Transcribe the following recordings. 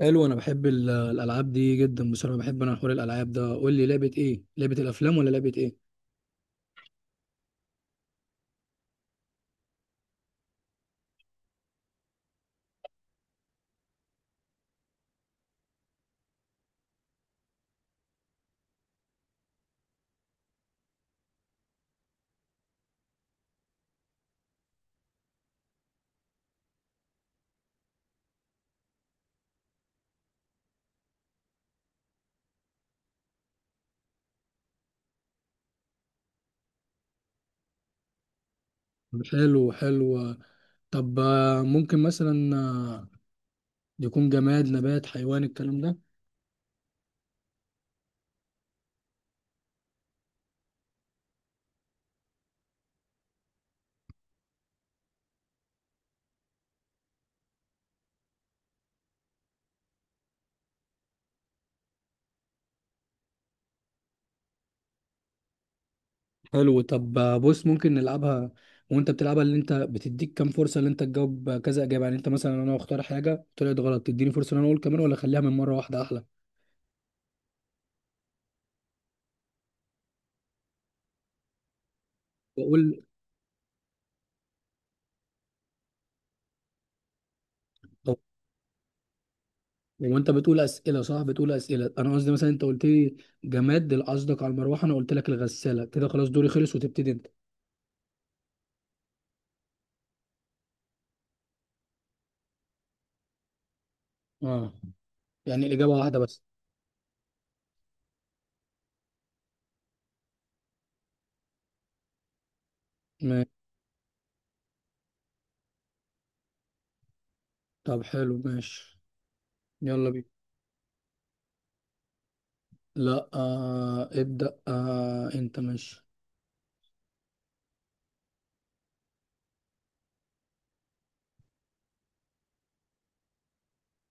حلو، انا بحب الالعاب دي جدا بصراحه، بحب انا حوار الالعاب ده. قول لي، لعبه ايه؟ لعبه الافلام ولا لعبه ايه؟ حلو، حلو. طب ممكن مثلا يكون جماد، نبات، حيوان، الكلام ده. حلو. طب بص، ممكن نلعبها. وانت بتلعبها، اللي انت بتديك كام فرصه؟ اللي انت تجاوب كذا اجابه؟ يعني انت مثلا، انا اختار حاجه طلعت غلط، تديني فرصه ان انا اقول كمان، ولا اخليها من مره واحده احلى؟ واقول. وانت بتقول اسئله صح، بتقول اسئله، انا قصدي مثلا انت قلت لي جماد، اللي قصدك على المروحه، انا قلت لك الغساله، كده خلاص دوري خلص وتبتدي انت. اه، يعني الاجابه واحده بس. ما- طب حلو، ماشي، يلا بينا. لا، ابدا، انت ماشي.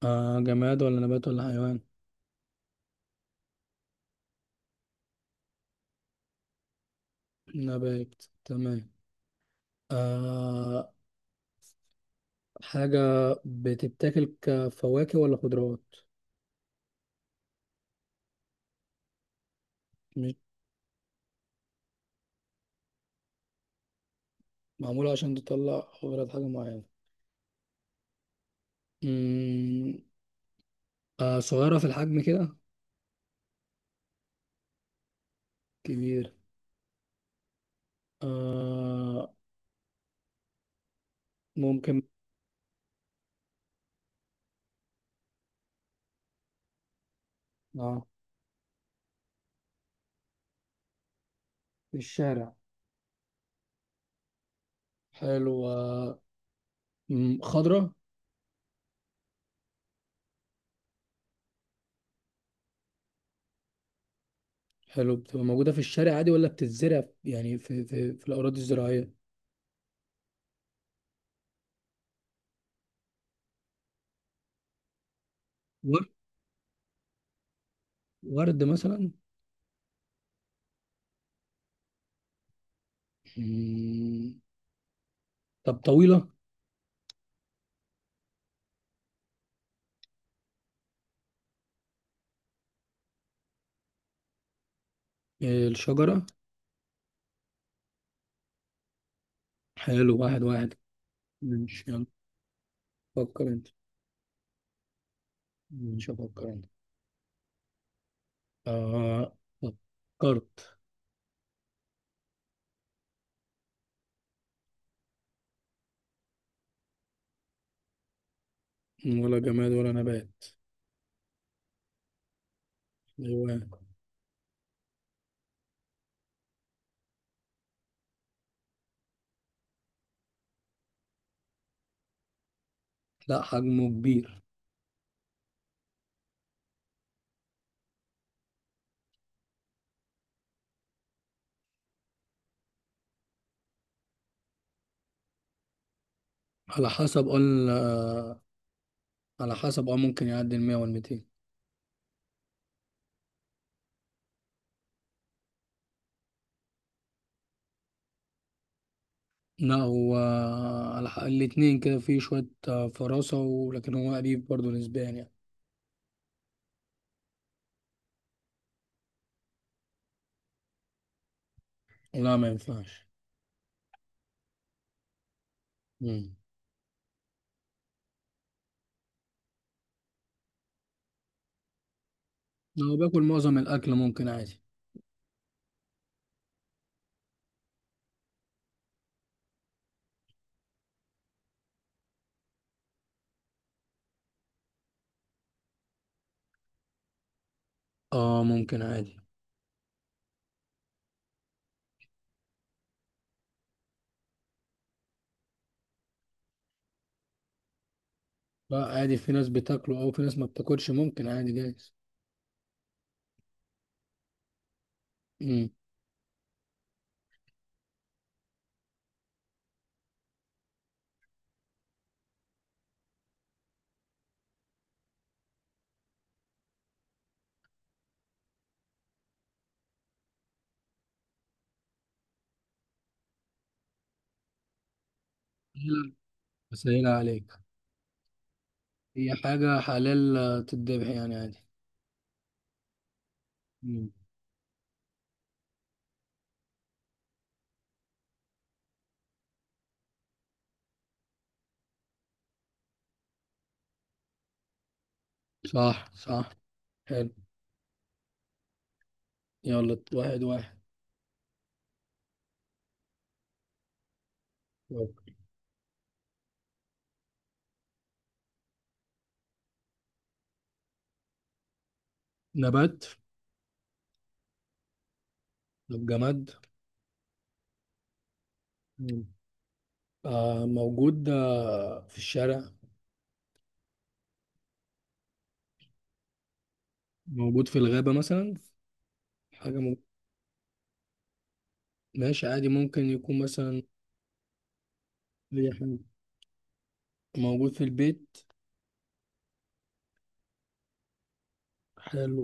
جماد ولا نبات ولا حيوان؟ نبات، تمام. آه حاجه بتتاكل كفواكه ولا خضروات؟ مش؟ معموله عشان تطلع خضرات، حاجه معينه؟ مم، صغيره في الحجم كده؟ كبير. آه ممكن. اه، في الشارع. حلو. خضرة. حلو، بتبقى موجودة في الشارع عادي ولا بتتزرع يعني في الأراضي الزراعية؟ ورد. ورد مثلا؟ مم، طب طويلة؟ الشجرة؟ حلو، واحد واحد. ماشي، يلا. فكر أنت. مش أفكر أنت. آه، فكرت. ولا جماد ولا نبات. حيوان. لا، حجمه كبير. على حسب، قلنا على حسب، اه ممكن يعدي ال 100 وال 200. لا، هو الاتنين كده، فيه شوية فراسة، ولكن هو قريب برضه نسبيا يعني. لا، ما ينفعش. مم. لو باكل معظم الأكل ممكن عادي. اه، ممكن عادي. لا، عادي، في ناس بتاكله أو في ناس ما بتاكلش، ممكن عادي جايز. مم. سهيلة، سهيلة عليك. هي حاجة حلال تتذبح يعني عادي. مم. صح، صح. حلو. يلا، واحد واحد. يلا. نبات؟ طب جماد؟ مم. آه، موجود في الشارع؟ موجود في الغابة مثلا؟ حاجة مو... ماشي عادي، ممكن يكون مثلا أي حاجة. موجود في البيت؟ حلو.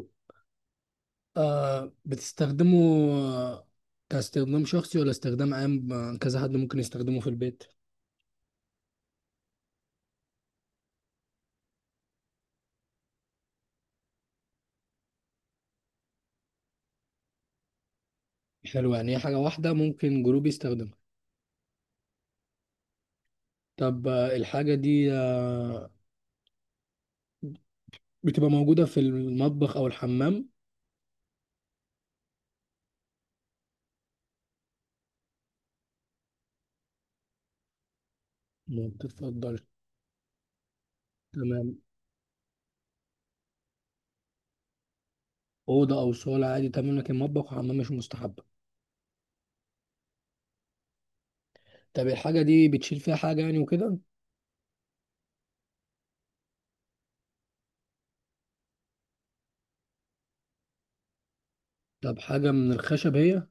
آه، بتستخدمه آه، كاستخدام شخصي ولا استخدام عام؟ كذا حد ممكن يستخدمه في البيت؟ حلو، يعني هي حاجة واحدة ممكن جروب يستخدمها. طب الحاجة دي بتبقى موجودة في المطبخ أو الحمام؟ ما بتتفضلش؟ تمام. أوضة أو صالة عادي تمام، لكن مطبخ وحمام مش مستحب. طب الحاجة دي بتشيل فيها حاجة يعني وكده؟ طب حاجة من الخشب هي؟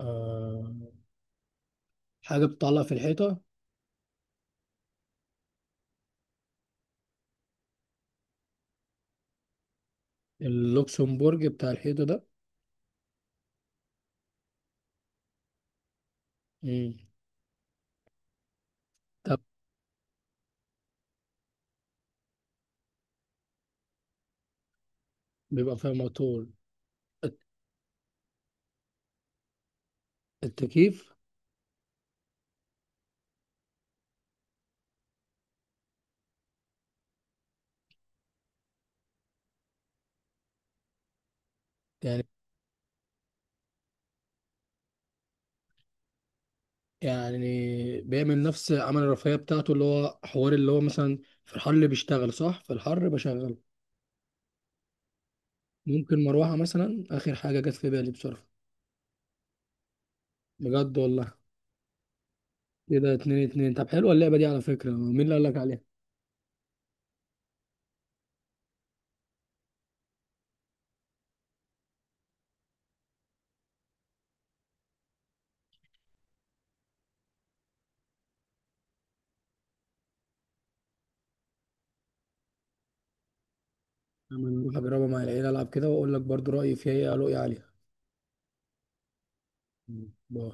آه. حاجة بتطلع في الحيطة؟ اللوكسمبورج بتاع الحيطة ده؟ مم. طب بيبقى فيها موتور؟ الت- التكييف؟ يعني. يعني بيعمل نفس عمل الرفاهية بتاعته، اللي هو حوار، اللي هو مثلا في الحر اللي بيشتغل، صح؟ في الحر بشغله. ممكن مروحة مثلا، آخر حاجة جت في بالي بصراحة. بجد، والله. كده اتنين اتنين. طب حلوة اللعبة دي. على فكرة، مين اللي قالك عليها؟ أنا هروح أجربها مع العيلة، ألعب كده وأقول لك برضو رأيي فيها إيه، رؤية عليها. مم. باي.